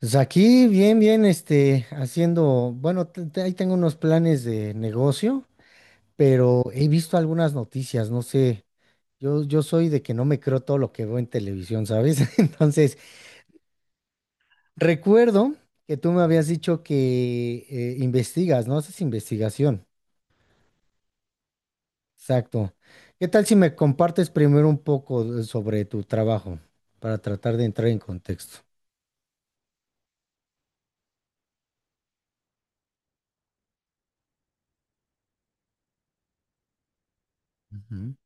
Pues aquí, bien, bien, este, haciendo, bueno, ahí tengo unos planes de negocio, pero he visto algunas noticias, no sé, yo soy de que no me creo todo lo que veo en televisión, ¿sabes? Entonces, recuerdo que tú me habías dicho que investigas, ¿no? Haces investigación, exacto. ¿Qué tal si me compartes primero un poco sobre tu trabajo para tratar de entrar en contexto? Ujú.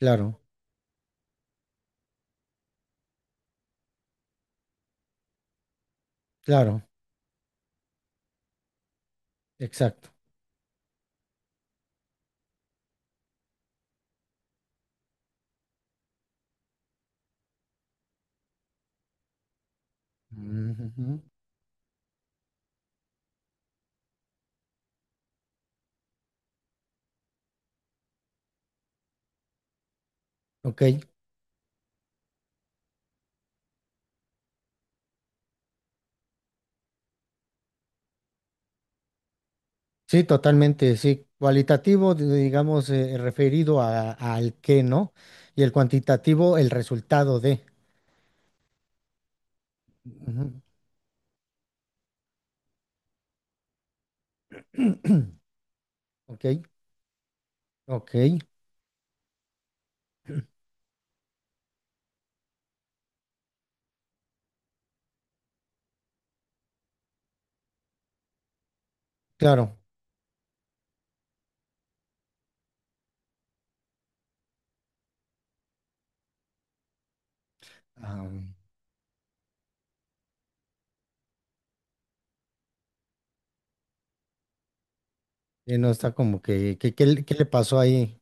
Claro, claro, exacto. Ujú. Ok. Sí, totalmente, sí. Cualitativo, digamos, referido a, al qué, ¿no? Y el cuantitativo, el resultado de. Ujú. Ok, ok, claro. Ah, sí, no está como que, qué le pasó ahí?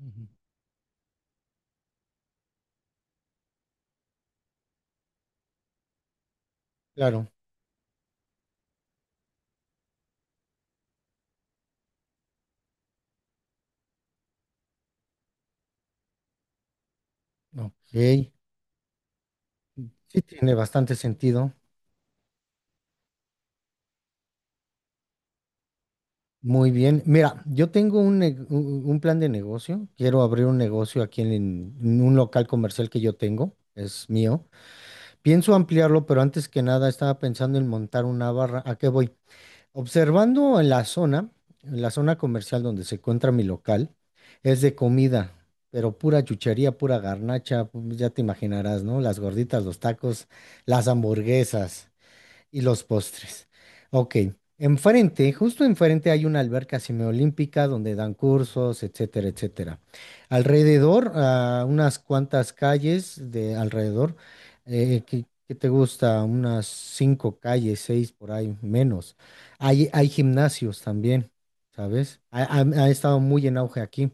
Ujú. Claro, ok. Sí, tiene bastante sentido. Muy bien. Mira, yo tengo un plan de negocio. Quiero abrir un negocio aquí en un local comercial que yo tengo, es mío. Pienso ampliarlo, pero antes que nada estaba pensando en montar una barra. ¿A qué voy? Observando en la zona comercial donde se encuentra mi local, es de comida, pero pura chuchería, pura garnacha, pues ya te imaginarás, ¿no? Las gorditas, los tacos, las hamburguesas. Y los postres. Ok. Enfrente, justo enfrente hay una alberca semiolímpica donde dan cursos, etcétera, etcétera. Alrededor, a unas cuantas calles de alrededor, ¿qué, qué te gusta? Unas cinco calles, seis por ahí, menos. Hay gimnasios también, ¿sabes? Ha estado muy en auge aquí.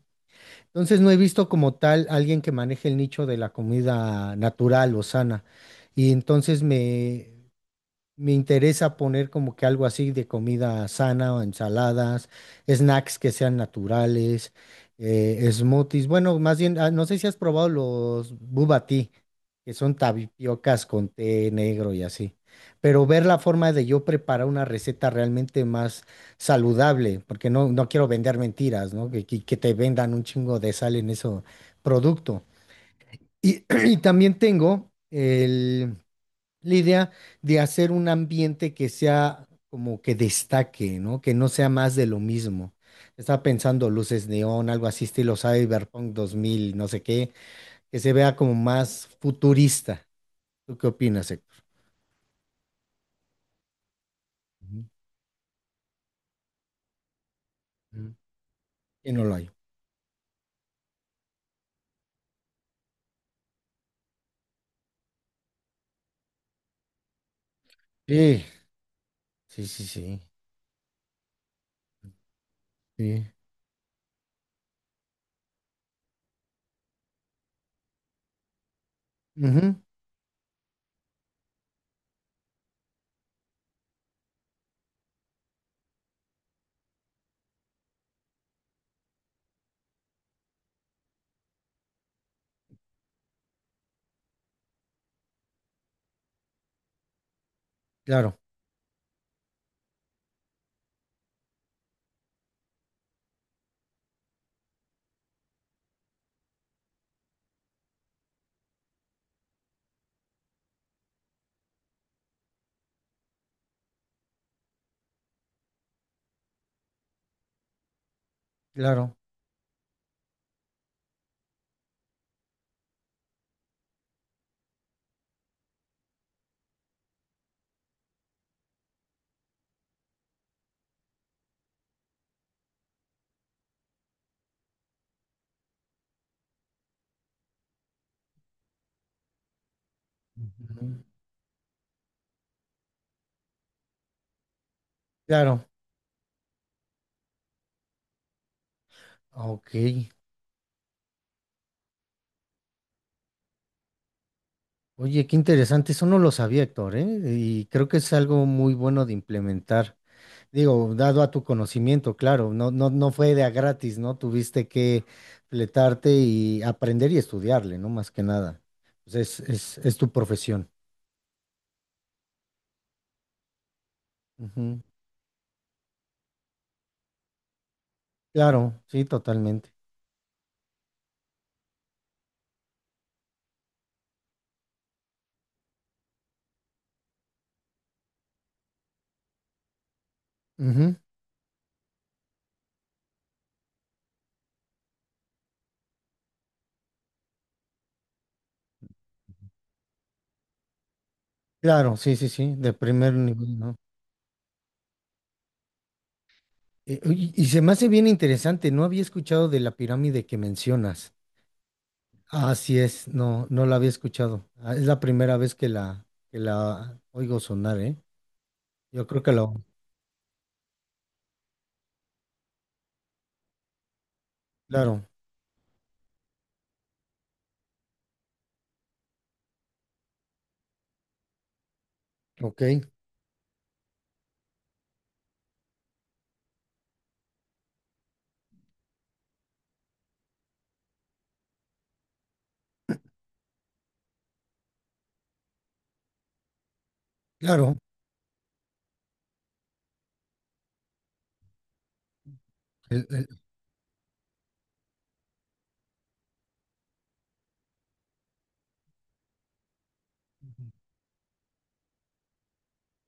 Entonces no he visto como tal alguien que maneje el nicho de la comida natural o sana. Y me interesa poner como que algo así de comida sana o ensaladas, snacks que sean naturales, smoothies. Bueno, más bien, ah, no sé si has probado los boba tea, que son tapiocas con té negro y así. Pero ver la forma de yo preparar una receta realmente más saludable, porque no, no quiero vender mentiras, ¿no? Que te vendan un chingo de sal en ese producto. Y, y también tengo el... La idea de hacer un ambiente que sea como que destaque, ¿no? Que no sea más de lo mismo. Estaba pensando luces neón, algo así estilo Cyberpunk 2000, no sé qué, que se vea como más futurista. ¿Tú qué opinas, Héctor? Ujú, ujú. Y no lo hay. Sí, sí, sí, sí. Sí. Ujú. Claro, claro. Ujú. Claro. Ok. Oye, qué interesante. Eso no lo sabía, Héctor, ¿eh? Y creo que es algo muy bueno de implementar. Digo, dado a tu conocimiento, claro, no, no, no fue de a gratis, ¿no? Tuviste que fletarte y aprender y estudiarle, ¿no? Más que nada. Pues es tu profesión. Ujú. Claro, sí, totalmente. Ujú. Claro, sí, sí, sí, de primer nivel, ¿no? Oye, y se me hace bien interesante, no había escuchado de la pirámide que mencionas. Ah, así es, no, no la había escuchado. Ah, es la primera vez que la oigo sonar, ¿eh? Yo creo que lo, claro, ok, claro. El...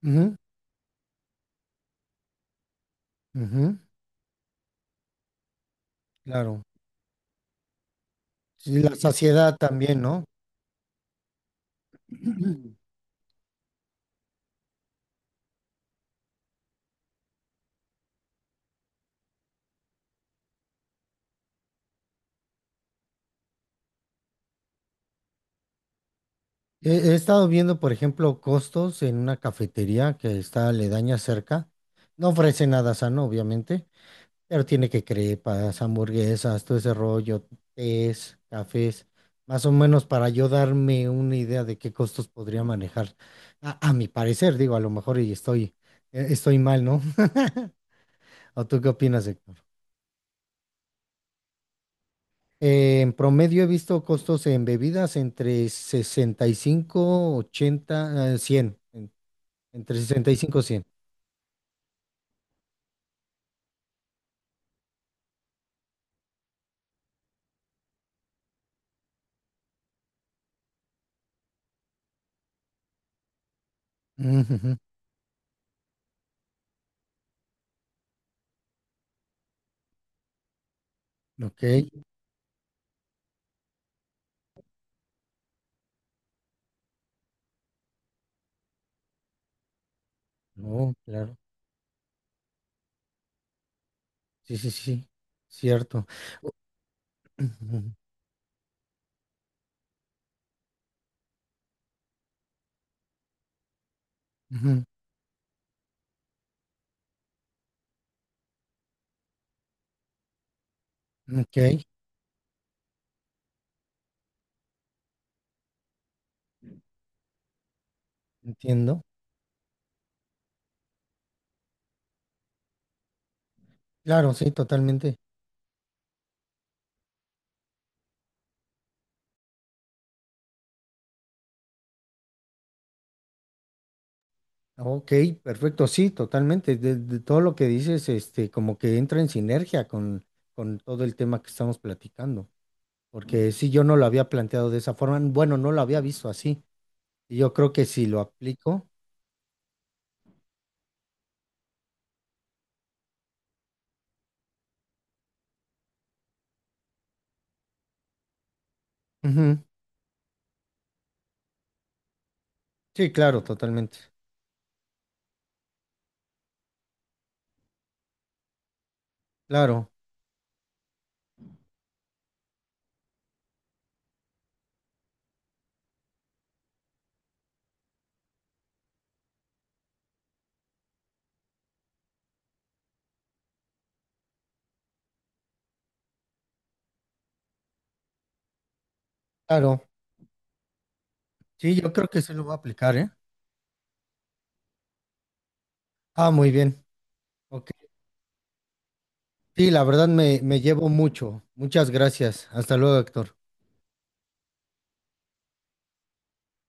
Ujú, ujú, claro. Y la saciedad también, ¿no? He estado viendo, por ejemplo, costos en una cafetería que está aledaña cerca. No ofrece nada sano, obviamente, pero tiene que crepas, hamburguesas, todo ese rollo, tés, cafés, más o menos para yo darme una idea de qué costos podría manejar. A mi parecer, digo, a lo mejor y estoy mal, ¿no? ¿O tú qué opinas, Héctor? En promedio he visto costos en bebidas entre 65, 80, 100, entre sesenta y 100. Ujujú. Ok, no, claro, sí, sí, sí, sí, cierto. Oh. Ujú, ujú. Ok, entiendo. Claro, sí, totalmente. Ok, perfecto, sí, totalmente. De todo lo que dices, este, como que entra en sinergia con todo el tema que estamos platicando. Porque sí, yo no lo había planteado de esa forma. Bueno, no lo había visto así. Y yo creo que si lo aplico. Ujú. Sí, claro, totalmente. Claro, claro. Sí, yo creo que sí lo voy a aplicar, ¿eh? Ah, muy bien. Ok. Sí, la verdad me, me llevo mucho. Muchas gracias. Hasta luego, Héctor.